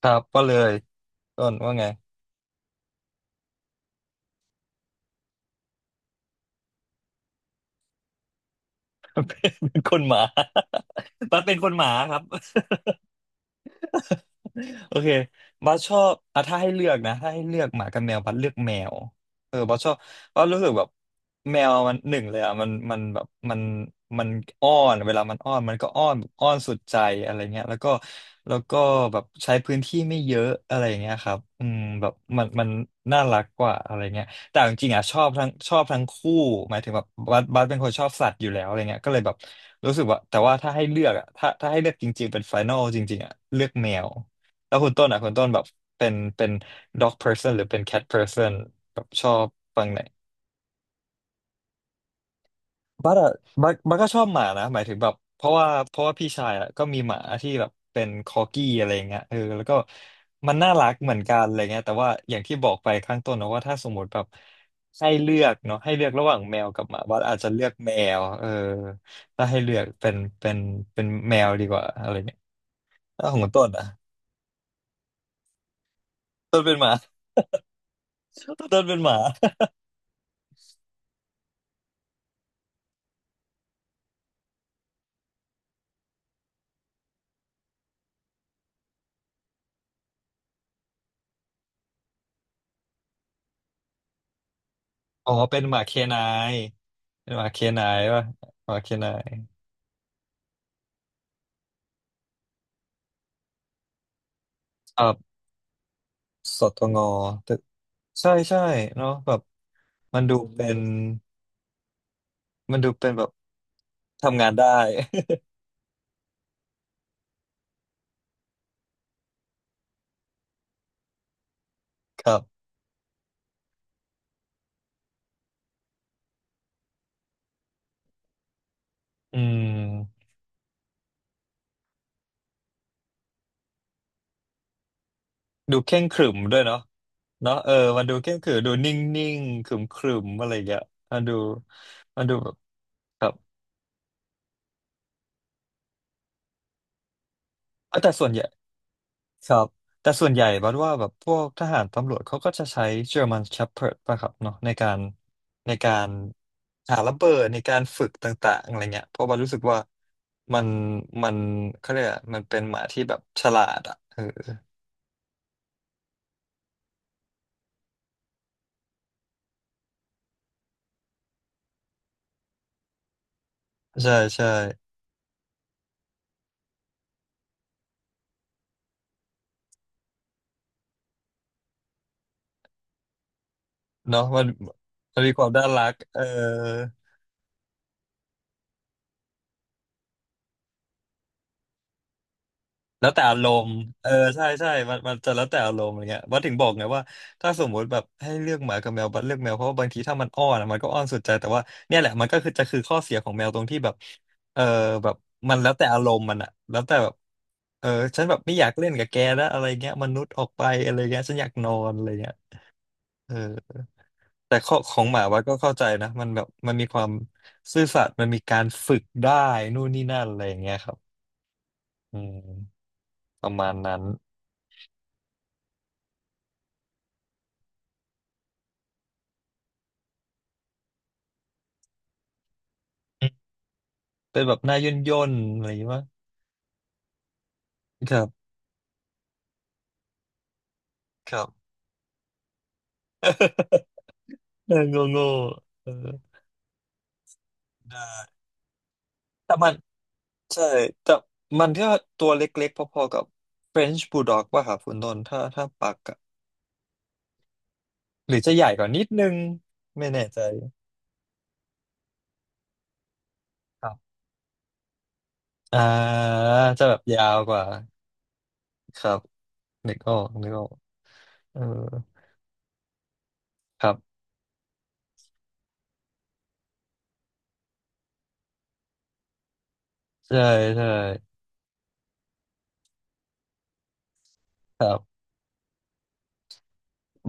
ครับก็เลยต้นว่าไง เป็นคนหมา ตัดเป็นคนหมาครับ โอเคบัสชอบอ่ะถ้าให้เลือกนะถ้าให้เลือกหมากับแมวบัสเลือกแมวเออบัสชอบบัสรู้สึกแบบแมวมันหนึ่งเลยอ่ะมันแบบมันอ้อนเวลามันอ้อนมันก็อ้อนแบบอ้อนสุดใจอะไรเงี้ยแล้วก็แบบใช้พื้นที่ไม่เยอะอะไรเงี้ยครับอืมแบบมันน่ารักกว่าอะไรเงี้ยแต่จริงๆอ่ะชอบทั้งคู่หมายถึงแบบบัสเป็นคนชอบสัตว์อยู่แล้วอะไรเงี้ยก็เลยแบบรู้สึกว่าแต่ว่าถ้าให้เลือกอ่ะถ้าให้เลือกจริงๆเป็นไฟนอลจริงๆอ่ะเลือกแมว แล้วคุณต้นอ่ะคุณต้นแบบเป็น dog person หรือเป็น cat person แบบชอบฟังไหนบัสอะบัสก็ชอบหมานะหมายถึงแบบเพราะว่าพี่ชายอ่ะก็มีหมาที่แบบเป็นคอกี้อะไรเงี้ยเออแล้วก็มันน่ารักเหมือนกันอะไรเงี้ยแต่ว่าอย่างที่บอกไปข้างต้นนะว่าถ้าสมมติแบบให้เลือกเนาะให้เลือกระหว่างแมวกับหมาบัสอาจจะเลือกแมวเออถ้าให้เลือกเป็นแมวดีกว่าอะไรเงี้ยแล้วของคุณต้นอ่ะต้นเป็นหมา ต้นเป็นหมา อ๋อเป็นหมาเคนายเป็นหมาเคนายป่ะหมาเคนายครับสตงอตกใช่ใช่เนาะแบบมันดูเป็นมันดูเป็นแบบทำงานได้ ครับอืมดูเคร่งขรึมด้วยเนาะเนาะเออมันดูเคร่งขรึมดูนิ่งๆขรึมๆอะไรอย่างเงี้ยมันดูมันดูแบบครับเอ้าแต่ส่วนใหญ่ ครับแต่ส่วนใหญ่บัดว่าแบบพวกทหารตำรวจเขาก็จะใช้เจอร์ม s น e p h เ r ิร์ดป่ะครับเนาะในการในการหาระเบิดในการฝึกต่างๆอะไรเงี้ยเพราะบัดรู้สึกว่ามันมันเขาเรียกอะมันเป็นหมาที่แบบฉลาดอ่ะเออใช่ใช่เนาะมันมันมีความน่ารักเออ แล้วแต่อารมณ์เออใช่ใช่มันจะแล้วแต่อารมณ์อะไรเงี้ยว่าถึงบอกไงว่าถ้าสมมติแบบให้เลือกหมากับแมวบัดเลือกแมวเพราะว่าบางทีถ้ามันอ้อนอะมันก็อ้อนสุดใจแต่ว่าเนี่ยแหละมันก็คือจะคือข้อเสียของแมวตรงที่แบบเออแบบมันแล้วแต่อารมณ์มันอะแล้วแต่แบบเออฉันแบบไม่อยากเล่นกับแกแล้วอะไรเงี้ยมนุษย์ออกไปอะไรเงี้ยฉันอยากนอนอะไรเงี้ยเออแต่ข้อของหมาวัดก็เข้าใจนะมันแบบมันมีความซื่อสัตย์มันมีการฝึกได้นู่นนี่นั่นอะไรอย่างเงี้ยครับอืมประมาณนั้น เป็นแบบหน้าย่นย่นอะไรอย่างงี้มั้งครับครับ หนอาโง่โง่เออได้แต่มัน ใช่ แต่มันก็ตัวเล็กๆ พอๆ กับ French Bulldog ป่ะครับคุณต้นถ้าปักอะหรือจะใหญ่กว่านิดนึง ไม่แน่ใจ ครับ อ่าจะแบบยาวกว่า ครับนึกออกนึกออกเออครับ ใช่ใช่ครับ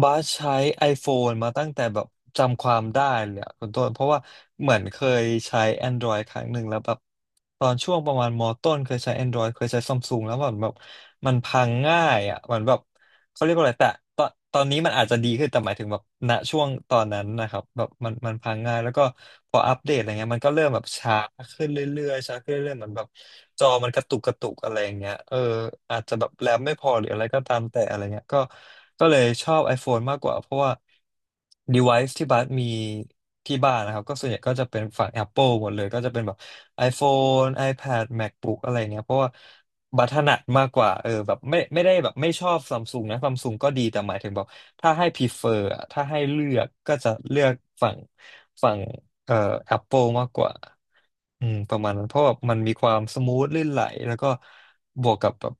บาสใช้ iPhone มาตั้งแต่แบบจำความได้เลยอะคุณต้นเพราะว่าเหมือนเคยใช้ Android ครั้งหนึ่งแล้วแบบตอนช่วงประมาณมต้นเคยใช้ Android เคยใช้ซัมซุงแล้วแบบมันพังง่ายอ่ะเหมือนแบบ เขาเรียกว่าอะไรแต่ตอนนี้มันอาจจะดีขึ้นแต่หมายถึงแบบณช่วงตอนนั้นนะครับแบบมันพังง่ายแล้วก็พออัปเดตอะไรเงี้ยมันก็เริ่มแบบช้าขึ้นเรื่อยๆช้าขึ้นเรื่อยๆเหมือนแบบจอมันกระตุกกระตุกอะไรอย่างเงี้ยเอออาจจะแบบแรมไม่พอหรืออะไรก็ตามแต่อะไรเงี้ยก็ก็เลยชอบ iPhone มากกว่าเพราะว่า device ที่บัสมีที่บ้านนะครับก็ส่วนใหญ่ก็จะเป็นฝั่ง Apple หมดเลยก็จะเป็นแบบ iPhone iPad MacBook อะไรเงี้ยเพราะว่าบัตถนัดมากกว่าเออแบบไม่ไม่ได้แบบไม่ชอบซัมซุงนะซัมซุงก็ดีแต่หมายถึงแบบถ้าให้ prefer อะถ้าให้เลือกก็จะเลือกฝั่งฝั่งเอ่อ Apple มากกว่าอืมประมาณนั้นเพราะแบบมันมีความสมูทลื่นไหลแล้วก็บวกกับแบบ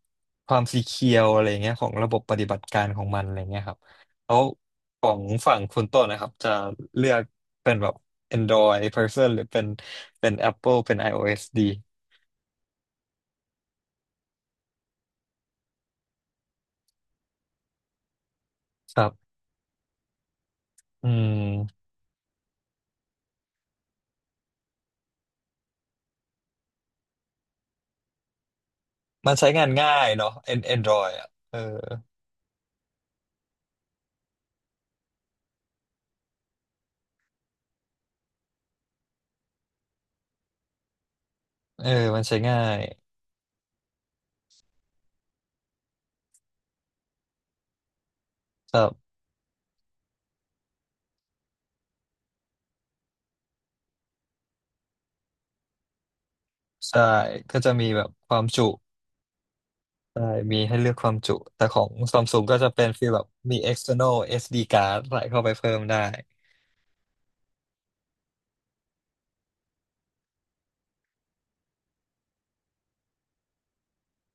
ความซีเคียวอะไรเงี้ยของระบบปฏิบัติการของมันอะไรเงี้ยครับแล้วของฝั่งคุณต้นนะครับจะเลือกเป็นแบบ Android person หรือเป็น Apple เป็น iOS ดีครับอืมมันใช้งานง่ายเนาะ Android อ่ะเออมันใช้ง่ายครับใช่ก็จะมีแบบความจุใช่มีให้เลือกความจุแต่ของ Samsung ก็จะเป็นฟีลแบบมี external SD card ใส่เข้าไปเพิ่มได้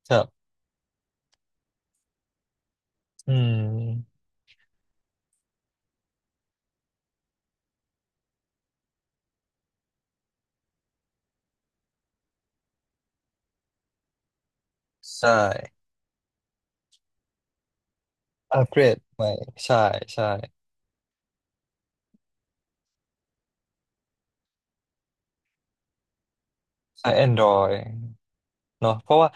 ครับอืมใช่อัปเกรดใหม่ใช่ใช่ใช้ Android เนาะเพราะว่า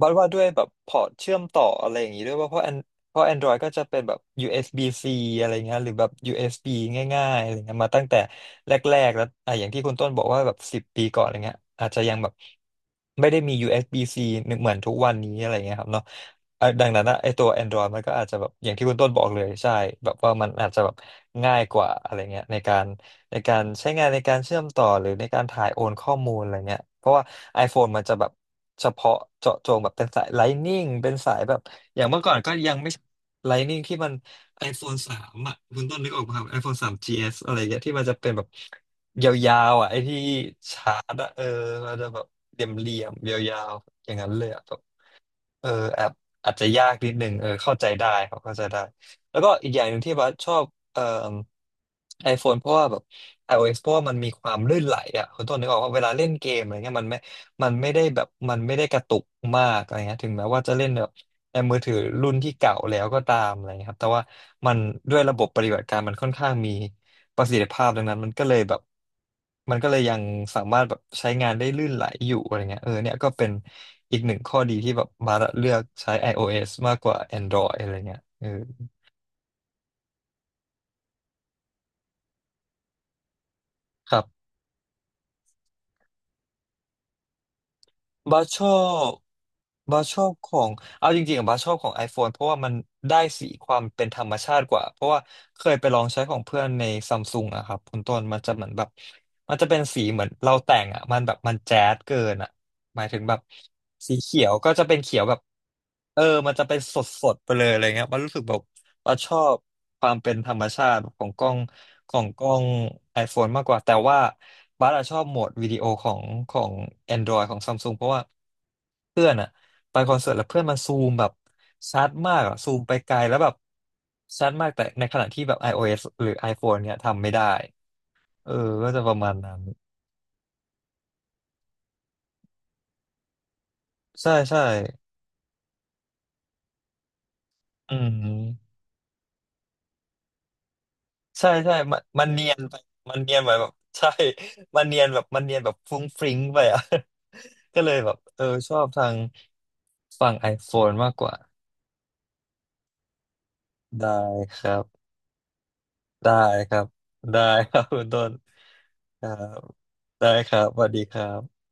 บัดว่าด้วยแบบพอร์ตเชื่อมต่ออะไรอย่างงี้ด้วยว่าเพราะ Android ก็จะเป็นแบบ USB-C อสบี -C อะไรเงี้ยหรือแบบ USB ง่ายๆอะไรเงี้ยมาตั้งแต่แรกๆแล้วอ่ะอย่างที่คุณต้นบอกว่าแบบสิบปีก่อนอะไรเงี้ยอาจจะยังแบบไม่ได้มี USB-C เอสบี -C เหมือนทุกวันนี้อะไรเงี้ยครับเนาะอ่ะดังนั้นนะไอตัว Android มันก็อาจจะแบบอย่างที่คุณต้นบอกเลยใช่แบบว่ามันอาจจะแบบง่ายกว่าอะไรเงี้ยในการใช้งานในการเชื่อมต่อหรือในการถ่ายโอนข้อมูลอะไรเงี้ยเพราะว่า iPhone มันจะแบบเฉพาะเจาะจงแบบเป็นสาย Lightning เป็นสายแบบอย่างเมื่อก่อนก็ยังไม่ Lightning ที่มัน iPhone 3อ่ะคุณต้นนึกออกไหมครับ iPhone 3 GS อสอะไรเงี้ยที่มันจะเป็นแบบยาวๆอ่ะไอ้ที่ชาร์จอ่ะเออมันจะแบบเหลี่ยมๆยาวๆอย่างนั้นเลยอ่ะ เอออาจอาจจะยากนิดนึงเออเข้าใจได้เขาเข้าใจได้แล้วก็อีกอย่างหนึ่งที่บัสชอบเอ่อ iPhone เพราะว่าแบบ iOS เพราะว่ามันมีความลื่นไหลอ่ะคุณต้นนึกออกว่าเวลาเล่นเกมอะไรเงี้ยมันไม่ได้กระตุกมากอะไรเงี้ยถึงแม้ว่าจะเล่นแบบ แอนมือถือรุ่นที่เก่าแล้วก็ตามอะไรเงี้ยครับ แต่ว่ามันด้วยระบบปฏิบัติการมันค่อนข้างมีประสิทธิภาพดังนั้นมันก็เลยยังสามารถแบบใช้งานได้ลื่นไหลอยู่อะไรเงี้ยเออเนี่ยก็เป็นอีกหนึ่งข้อดีที่แบบมาเลือกใช้ iOS มากกว่า Android อะไรเงี้ยเออครับ บัสชอบบัสชอบของเอาจริงๆอะบัสชอบของ iPhone เพราะว่ามันได้สีความเป็นธรรมชาติกว่าเพราะว่าเคยไปลองใช้ของเพื่อนในซัมซุงอะครับคุณต้นมันจะเหมือนแบบมันจะเป็นสีเหมือนเราแต่งอะมันแบบมันแจ๊ดเกินอะหมายถึงแบบสีเขียวก็จะเป็นเขียวแบบเออมันจะเป็นสดๆไปเลยอะไรเงี้ยมันรู้สึกแบบ บ่าชอบความเป็นธรรมชาติของกล้องของกล้อง iPhone มากกว่าแต่ว่าบัสอะชอบโหมดวิดีโอของ Android ของซัมซุงเพราะว่าเพื่อนอะไปคอนเสิร์ตแล้วเพื่อนมันซูมแบบชัดมากอะซูมไปไกลแล้วแบบชัดมากแต่ในขณะที่แบบ iOS หรือ iPhone เนี่ยทำไม่ได้เออ ก็จะประมาณนั้นใช่ใช่อืม ใช่ใช่มันเนียนไปมันเนียนไปแบบ ใช่มันเนียนแบบมันเนียนแบบฟรุ้งฟริ้งไปอ่ะ ก็เลยแบบเออชอบทางฝั่ง iPhone มากกว่าได้ครับได้ครับได้ครับคุณต้นครับได้ครับสวัสดีครับ